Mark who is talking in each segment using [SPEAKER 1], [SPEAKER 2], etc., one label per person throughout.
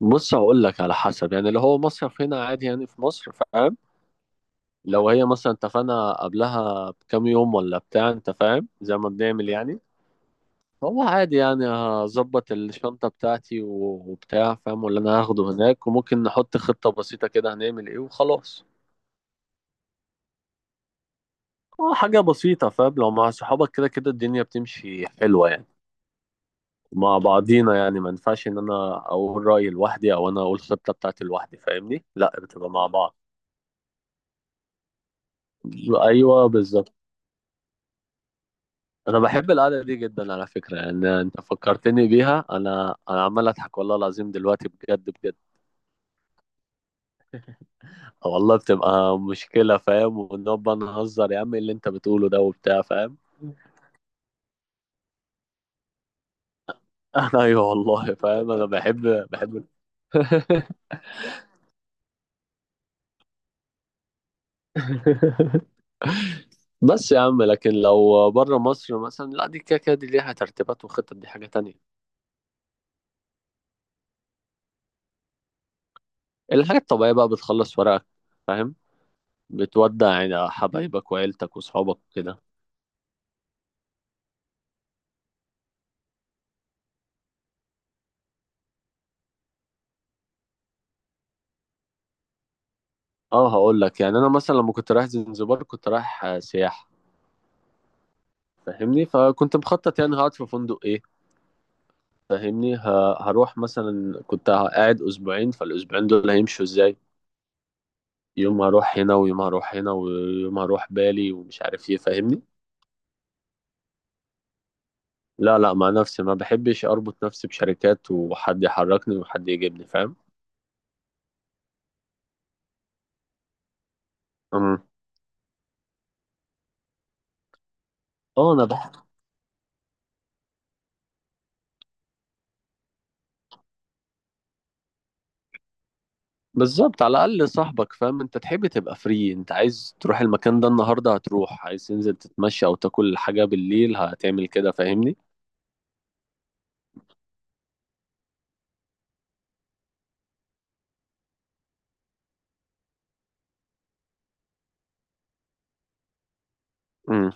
[SPEAKER 1] بص، هقول لك على حسب. يعني اللي هو مصيف هنا عادي، يعني في مصر، فاهم؟ لو هي مثلا اتفقنا قبلها بكام يوم ولا بتاع، انت فاهم، زي ما بنعمل يعني. هو عادي، يعني هظبط الشنطة بتاعتي و- وبتاع، فاهم، واللي انا هاخده هناك، وممكن نحط خطة بسيطة كده هنعمل ايه وخلاص. اه حاجة بسيطة فاهم. لو مع صحابك كده كده الدنيا بتمشي حلوة يعني. مع بعضينا يعني، ما ينفعش ان انا اقول رأيي لوحدي او انا اقول خطة بتاعتي لوحدي، فاهمني؟ لا، بتبقى مع بعض. ايوه بالظبط. انا بحب القعده دي جدا على فكره، يعني انت فكرتني بيها، انا عمال اضحك والله العظيم دلوقتي، بجد بجد. والله بتبقى مشكله فاهم، ونقعد بقى نهزر، يا عم إيه اللي انت بتقوله ده وبتاع فاهم. انا ايوه والله فاهم، انا بحب بحب. بس يا عم، لكن لو بره مصر مثلا لا، دي كده كده دي ليها ترتيبات وخطط، دي حاجه تانية. الحاجه الطبيعيه بقى بتخلص ورقك، فاهم. بتودع يعني حبايبك وعيلتك وصحابك كده. اه هقول لك، يعني انا مثلا لما كنت رايح زنزبار كنت رايح سياحه، فاهمني؟ فكنت مخطط يعني هقعد في فندق ايه، فاهمني؟ هروح مثلا، كنت قاعد 2 اسبوعين، فالاسبوعين دول هيمشوا ازاي. يوم هروح هنا، ويوم هروح هنا، ويوم هروح بالي، ومش عارف ايه، فاهمني؟ لا لا، مع نفسي، ما بحبش اربط نفسي بشركات وحد يحركني وحد يجيبني فاهم. أمم. اه، انا بح بالظبط، على الاقل صاحبك فاهم انت تحب تبقى فري. انت عايز تروح المكان ده النهارده هتروح، عايز تنزل تتمشى او تاكل حاجه بالليل هتعمل كده، فاهمني؟ امم،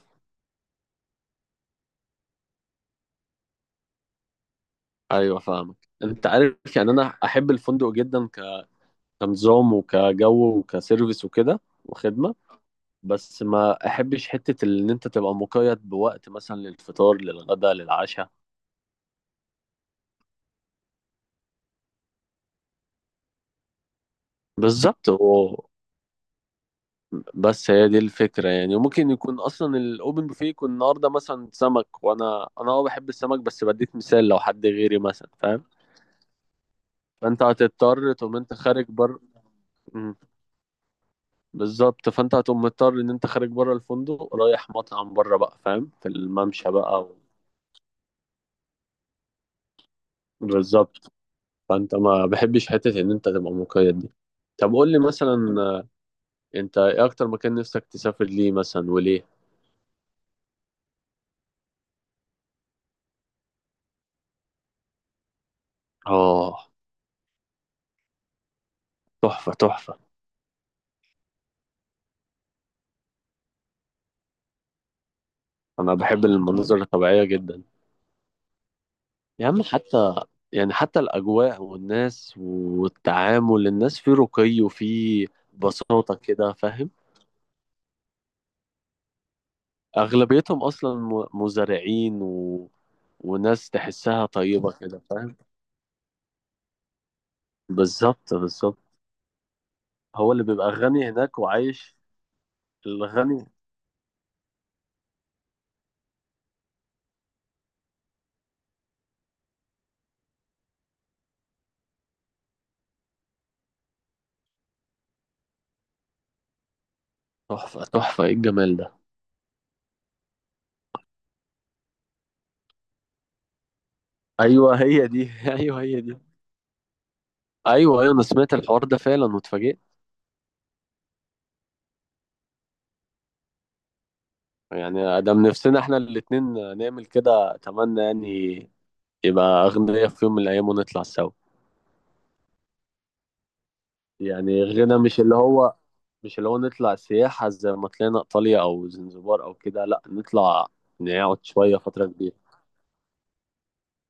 [SPEAKER 1] ايوه فاهمك. انت عارف يعني انا احب الفندق جدا، كنظام وكجو وكسيرفيس وكده وخدمه. بس ما احبش حته ان انت تبقى مقيد بوقت مثلا للفطار للغدا للعشاء. بالظبط. بس هي دي الفكرة يعني، وممكن يكون أصلا الأوبن بوفيه يكون النهاردة مثلا سمك، وأنا أنا أه بحب السمك، بس بديك مثال لو حد غيري مثلا فاهم. فأنت هتضطر تقوم أنت خارج بره. مم. بالظبط، فأنت هتقوم مضطر إن أنت خارج بره الفندق رايح مطعم بره بقى، فاهم، في الممشى بقى بالظبط. فأنت ما بحبش حتة إن أنت تبقى مقيد دي. طب قول لي مثلا، أنت إيه أكتر مكان نفسك تسافر ليه مثلا وليه؟ آه، تحفة تحفة. أنا بحب المناظر الطبيعية جدا. يا عم حتى، يعني حتى الأجواء والناس والتعامل، الناس في رقي وفي بساطة كده فاهم. أغلبيتهم أصلا مزارعين و... وناس تحسها طيبة كده فاهم. بالظبط بالظبط. هو اللي بيبقى غني هناك وعايش، الغني. تحفة تحفة، إيه الجمال ده. أيوه هي دي. أيوه هي دي. أيوه أيوه، أنا سمعت الحوار ده فعلا واتفاجئت. يعني ده من نفسنا إحنا الاتنين نعمل كده أتمنى، يعني يبقى أغنياء في يوم من الأيام ونطلع سوا. يعني غنى، مش اللي هو، مش اللي هو نطلع سياحة زي ما طلعنا إيطاليا أو زنزبار أو كده، لأ نطلع نقعد شوية فترة كبيرة.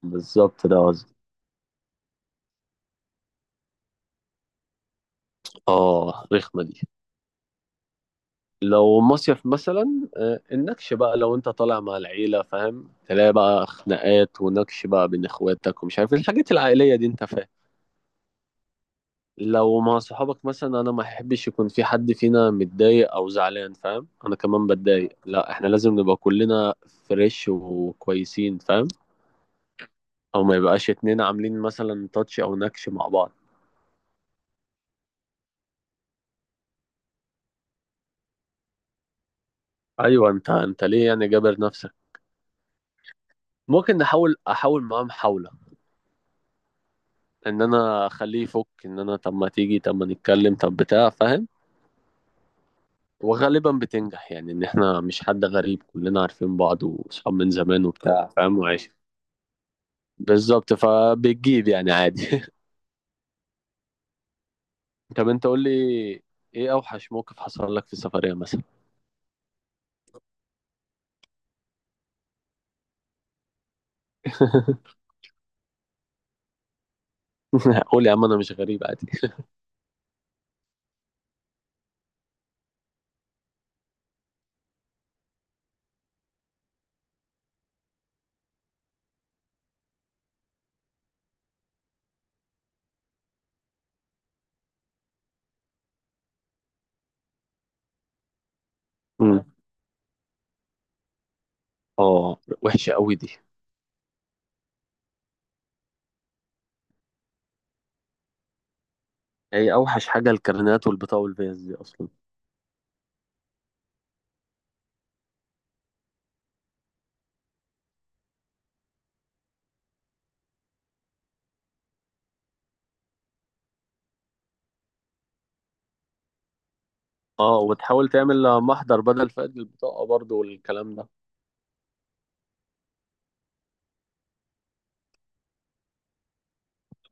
[SPEAKER 1] بالظبط ده قصدي. آه، رخمة دي. لو مصيف مثلا النكش بقى، لو أنت طالع مع العيلة فاهم، تلاقي بقى خناقات ونكش بقى بين إخواتك، ومش عارف إيه، الحاجات العائلية دي أنت فاهم. لو مع صحابك مثلا، انا ما احبش يكون في حد فينا متضايق او زعلان فاهم، انا كمان بتضايق، لا احنا لازم نبقى كلنا فريش وكويسين فاهم. او ما يبقاش اتنين عاملين مثلا تاتش او نكش مع بعض. ايوه، انت ليه يعني جابر نفسك. ممكن نحاول، احاول معاه محاولة ان انا اخليه يفك، ان انا طب ما تيجي، طب ما نتكلم، طب بتاع فاهم. وغالبا بتنجح يعني، ان احنا مش حد غريب، كلنا عارفين بعض واصحاب من زمان وبتاع فاهم وعايش. بالظبط. فبتجيب يعني عادي. طب انت قول لي، ايه اوحش موقف حصل لك في السفرية مثلا. قول يا عم، انا مش غريب عادي. مم. اه، وحشة قوي دي. هي اوحش حاجة الكارنات والبطاقة والفيز دي اصلا. اه، وتحاول تعمل محضر بدل فقد البطاقة برضو والكلام ده.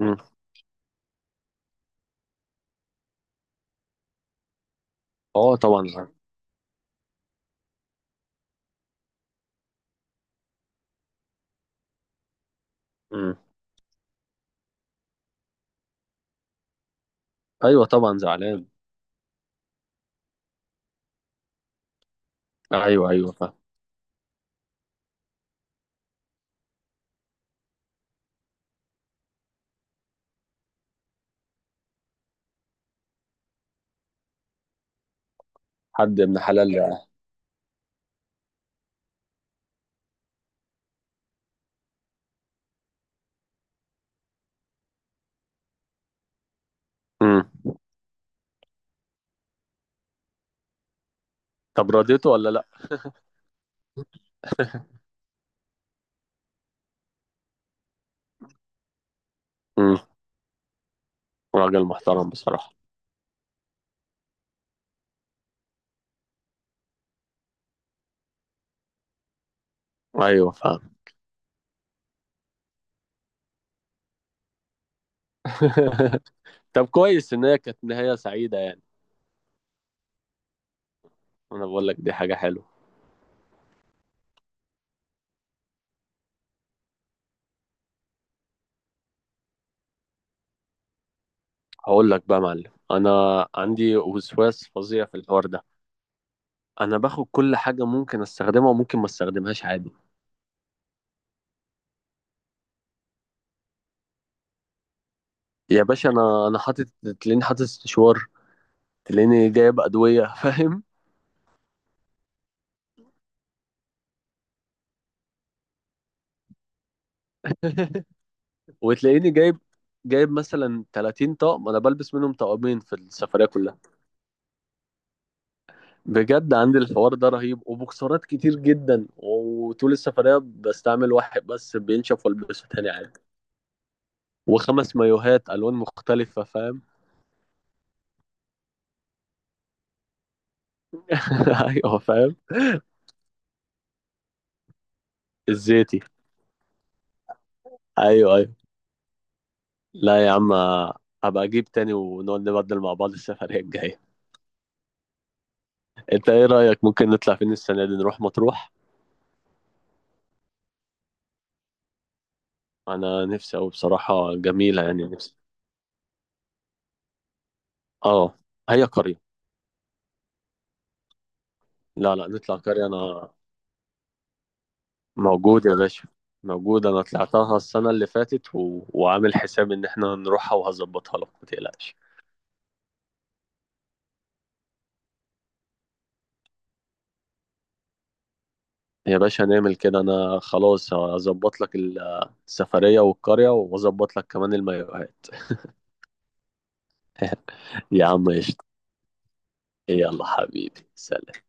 [SPEAKER 1] مم. اه طبعا زعلان. مم. ايوه طبعا زعلان. ايوه ايوه فاهم. حد ابن حلال يعني. مم. طب رضيته ولا لا؟ مم. راجل محترم بصراحة. ايوه فاهم. طب كويس ان هي كانت نهاية سعيدة يعني. انا بقول لك دي حاجة حلوة. هقول لك بقى يا معلم، انا عندي وسواس فظيع في الحوار ده. انا باخد كل حاجه ممكن استخدمها وممكن ما استخدمهاش عادي. يا باشا، انا حاطط، تلاقيني حاطط استشوار، تلاقيني جايب ادويه فاهم. وتلاقيني جايب، مثلا 30 طقم، انا بلبس منهم 2 طقم في السفريه كلها. بجد عندي الحوار ده رهيب، وبوكسرات كتير جدا، وطول السفريه بستعمل واحد بس بينشف والبسه تاني عادي، وخمس مايوهات الوان مختلفه فاهم. ايوه فاهم. الزيتي، ايوه ايوه. لا يا عم، هبقى اجيب تاني ونقعد نبدل مع بعض السفرية الجاية. انت ايه رأيك، ممكن نطلع فين السنة دي، نروح مطروح. انا نفسي اوي بصراحة، جميلة يعني، نفسي. اه، هي قرية. لا لا، نطلع قرية انا. موجود يا باشا، موجود، انا طلعتها السنة اللي فاتت و... وعامل حساب ان احنا نروحها، وهظبطها لك ما تقلقش. يا باشا نعمل كده، انا خلاص هظبط لك السفرية والقرية، واظبط لك كمان المايوهات. يا عم قشطة. يلا حبيبي سلام.